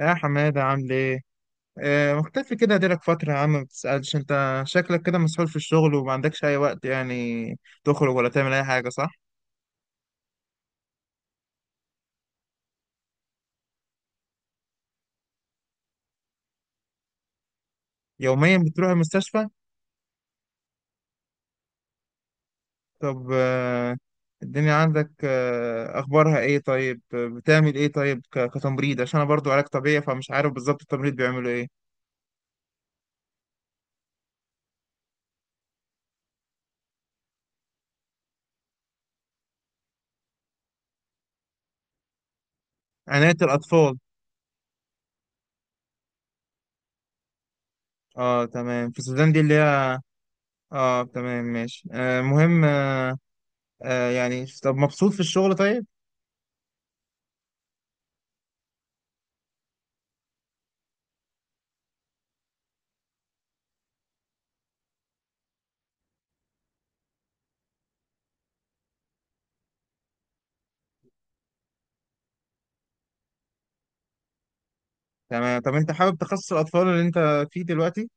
يا حمادة عامل ايه؟ مختفي كده ديلك فترة يا عم، ما بتسألش؟ انت شكلك كده مسحول في الشغل وما عندكش أي وقت يعني تخرج ولا تعمل أي حاجة، صح؟ يوميا بتروح المستشفى؟ طب، الدنيا عندك، أخبارها ايه طيب؟ بتعمل ايه طيب، كتمريض؟ عشان أنا برضو علاج طبيعي، فمش عارف بالظبط التمريض بيعملوا ايه؟ عناية الأطفال. اه، تمام، في السودان دي اللي هي. اه، تمام، ماشي. آه، مهم. يعني، طب، مبسوط في الشغل طيب؟ تمام، طب انت حابب تخصص الاطفال اللي انت فيه دلوقتي.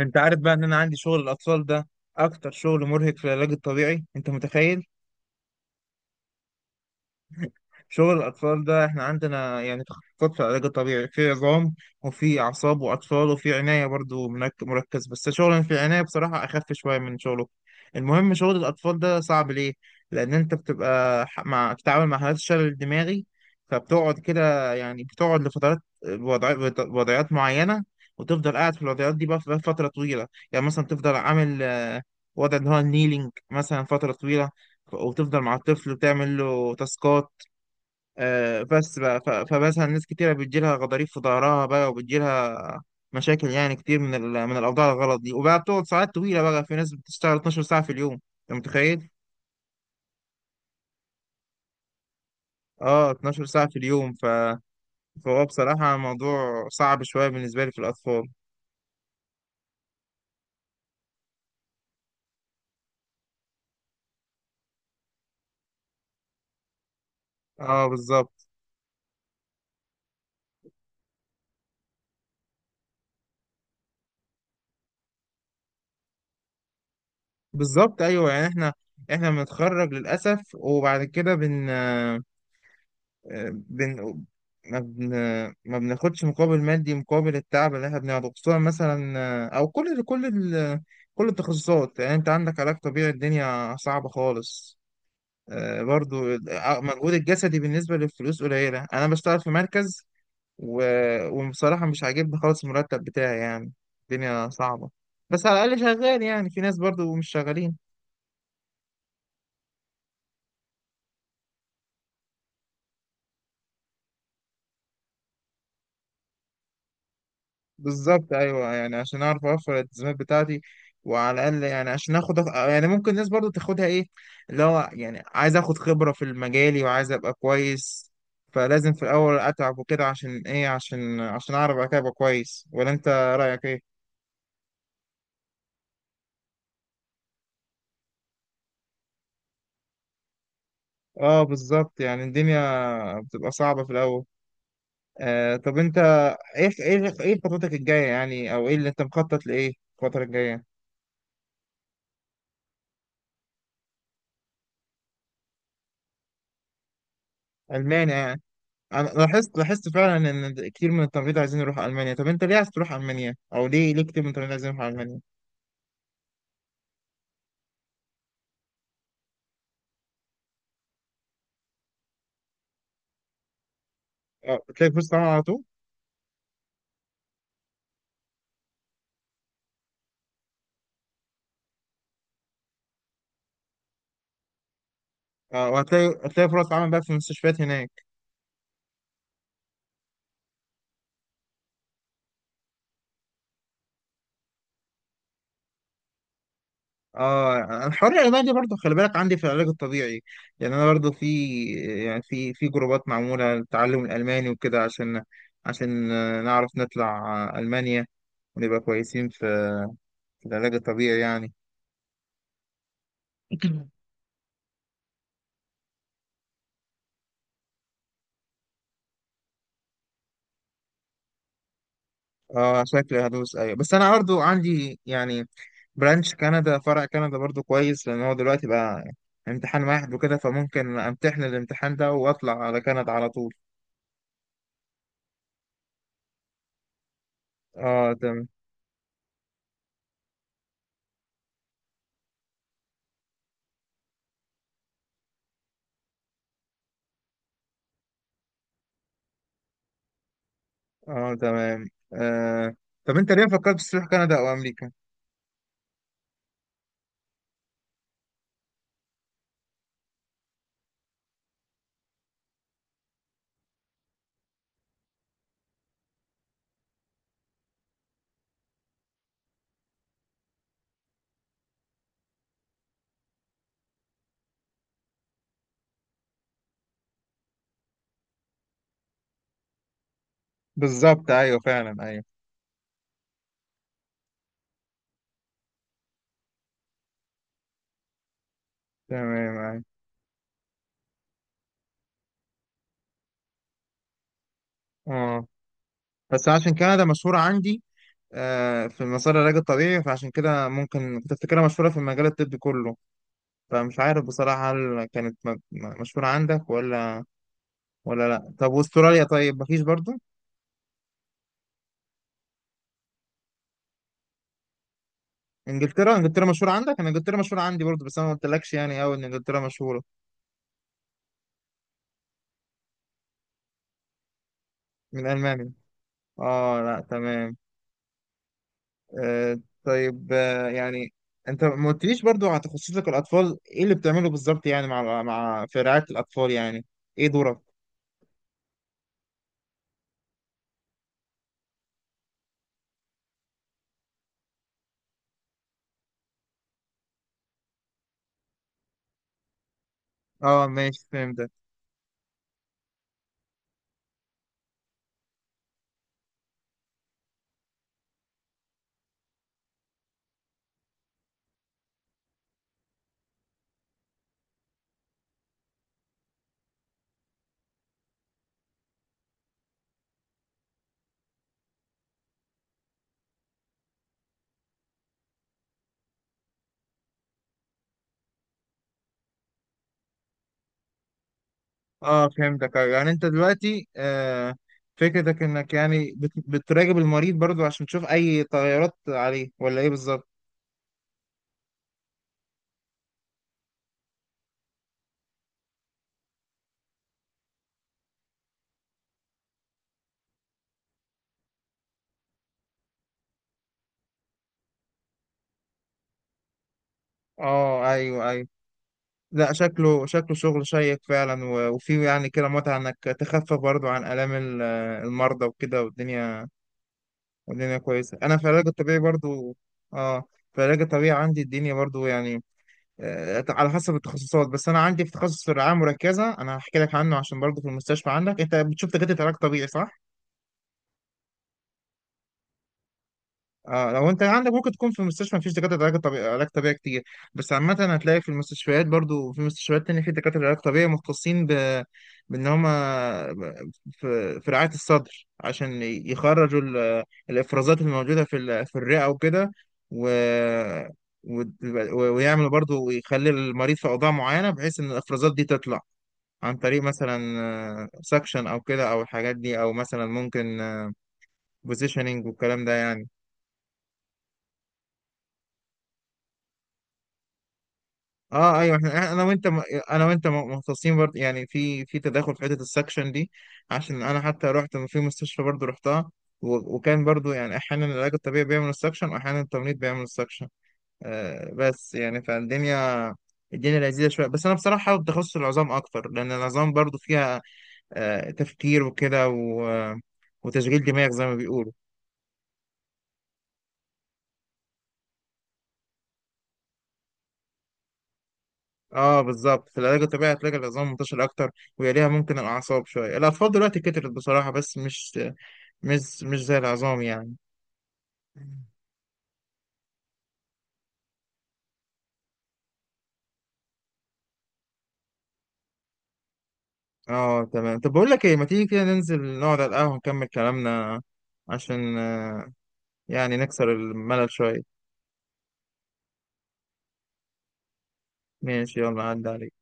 انت عارف بقى ان انا عندي شغل الاطفال ده اكتر شغل مرهق في العلاج الطبيعي؟ انت متخيل؟ شغل الأطفال ده، إحنا عندنا يعني تخصصات في العلاج الطبيعي، في عظام وفي أعصاب وأطفال وفي عناية برضو مركز، بس شغل في العناية بصراحة أخف شوية من شغله. المهم، شغل الأطفال ده صعب ليه؟ لأن أنت بتبقى ح- مع بتتعامل مع حالات الشلل الدماغي، فبتقعد كده يعني بتقعد لفترات، وضعيات معينة، وتفضل قاعد في الوضعيات دي بقى فترة طويلة. يعني مثلا تفضل عامل، وضع اللي هو النيلينج مثلا فترة طويلة، وتفضل مع الطفل وتعمل له تاسكات. بس بقى، فمثلا ناس كتيرة بتجيلها غضاريف في ظهرها بقى، وبتجيلها مشاكل يعني كتير من من الأوضاع الغلط دي، وبقى بتقعد ساعات طويلة بقى، في ناس بتشتغل 12 ساعة في اليوم. أنت متخيل؟ اه، 12 ساعة في اليوم. فهو بصراحة موضوع صعب شوية بالنسبة لي في الأطفال. اه، بالظبط. بالظبط، أيوه يعني احنا بنتخرج للأسف، وبعد كده بن... ما بن... ما بناخدش مقابل مادي مقابل التعب اللي احنا بنعرضه، خصوصا مثلا، او كل التخصصات، يعني انت عندك علاج طبيعي الدنيا صعبة خالص. برضو مجهود الجسدي بالنسبة للفلوس قليلة. انا بشتغل في مركز، و... وبصراحة مش عاجبني خالص المرتب بتاعي يعني. الدنيا صعبة، بس على الأقل شغال، يعني في ناس برضو مش شغالين. بالظبط، ايوه يعني عشان اعرف اوفر الالتزامات بتاعتي، وعلى الاقل يعني عشان اخد يعني ممكن الناس برضو تاخدها ايه، اللي هو يعني عايز اخد خبره في المجالي وعايز ابقى كويس، فلازم في الاول اتعب وكده، عشان ايه؟ عشان اعرف بعد كده ابقى كويس. ولا انت رايك ايه؟ اه، بالظبط، يعني الدنيا بتبقى صعبه في الاول. طب انت، ايه خطتك الجايه يعني؟ او ايه اللي انت مخطط لايه الفتره الجايه؟ المانيا يعني؟ انا لاحظت فعلا ان كتير من التمريض عايزين يروحوا المانيا. طب انت ليه عايز تروح المانيا؟ او ليه كتير من التمريض عايزين يروحوا المانيا؟ اه، هتلاقي فرص عمل على طول. اه، وهتلاقي فرص عمل بقى في المستشفيات هناك. اه، الحوار الالماني ده برضه خلي بالك، عندي في العلاج الطبيعي يعني، انا برضه في، يعني في جروبات معموله للتعلم الالماني وكده، عشان نعرف نطلع، المانيا ونبقى كويسين في العلاج الطبيعي يعني. اه، شكلي هدوس، ايوه، بس انا برضه عندي يعني برانش كندا، فرع كندا برضو كويس، لان هو دلوقتي بقى امتحان واحد وكده، فممكن امتحن الامتحان ده واطلع على كندا على طول. اه، تمام. اه، تمام. آه. طب انت ليه فكرت تروح كندا او امريكا؟ بالظبط، ايوه فعلا، ايوه، تمام، ايوه. اه، بس عشان كندا مشهورة عندي، في مسار العلاج الطبيعي، فعشان كده ممكن كنت افتكرها مشهورة في المجال الطبي كله، فمش عارف بصراحة هل كانت مشهورة عندك ولا لا. طب واستراليا طيب؟ مفيش برضو؟ انجلترا مشهوره عندك؟ انا انجلترا مشهوره عندي برضه، بس انا ما قلتلكش يعني قوي ان انجلترا مشهوره من المانيا. اه، لا، تمام. طيب، يعني انت ما قلتليش برضه على تخصصك الاطفال، ايه اللي بتعمله بالظبط يعني، مع مع في رعايه الاطفال يعني، ايه دورك؟ اه، ماشي، فهمتك. اه، فهمتك، أيوة. يعني انت دلوقتي، فكرتك انك يعني بتراقب المريض برضو، عشان تشوف اي تغيرات عليه، ولا ايه بالظبط؟ اه، ايوه، ايوه. لا، شكله شغل شيق فعلا، وفيه يعني كده متعة انك تخفف برضو عن آلام المرضى وكده، والدنيا كويسة. انا في العلاج الطبيعي برضو، اه في العلاج الطبيعي عندي الدنيا برضو يعني، على حسب التخصصات، بس انا عندي في تخصص الرعاية المركزة. انا هحكي لك عنه، عشان برضو في المستشفى عندك انت بتشوف دكاترة علاج طبيعي، صح؟ اه، لو انت عندك ممكن تكون في المستشفى مفيش دكاتره علاج طبيعي كتير. بس عامه هتلاقي في المستشفيات برضو، في مستشفيات تانية في دكاتره علاج طبيعي مختصين بان هم في رعايه الصدر، عشان يخرجوا الافرازات اللي موجوده في الرئه وكده، و... و... ويعملوا برضو، ويخلي المريض في اوضاع معينه بحيث ان الافرازات دي تطلع عن طريق مثلا سكشن او كده، او الحاجات دي، او مثلا ممكن بوزيشننج والكلام ده يعني. اه، ايوه. انا وانت مختصين برضه يعني، في تداخل في حته السكشن دي. عشان انا حتى رحت في مستشفى برضه رحتها، وكان برضه يعني احيانا العلاج الطبيعي بيعمل السكشن، واحيانا التمريض بيعمل السكشن. بس يعني فالدنيا لذيذه شويه، بس انا بصراحه حابب تخصص العظام اكتر، لان العظام برضه فيها تفكير وكده، وتشغيل دماغ زي ما بيقولوا. اه، بالظبط، في العلاج الطبيعي هتلاقي العظام منتشر اكتر، ويليها ممكن الاعصاب شويه، الاطفال دلوقتي كترت بصراحه، بس مش زي العظام يعني. اه، تمام. طب بقول لك ايه، ما تيجي كده ننزل نقعد على القهوة نكمل كلامنا، عشان، يعني نكسر الملل شوية. ماشي، يلا عدى عليك.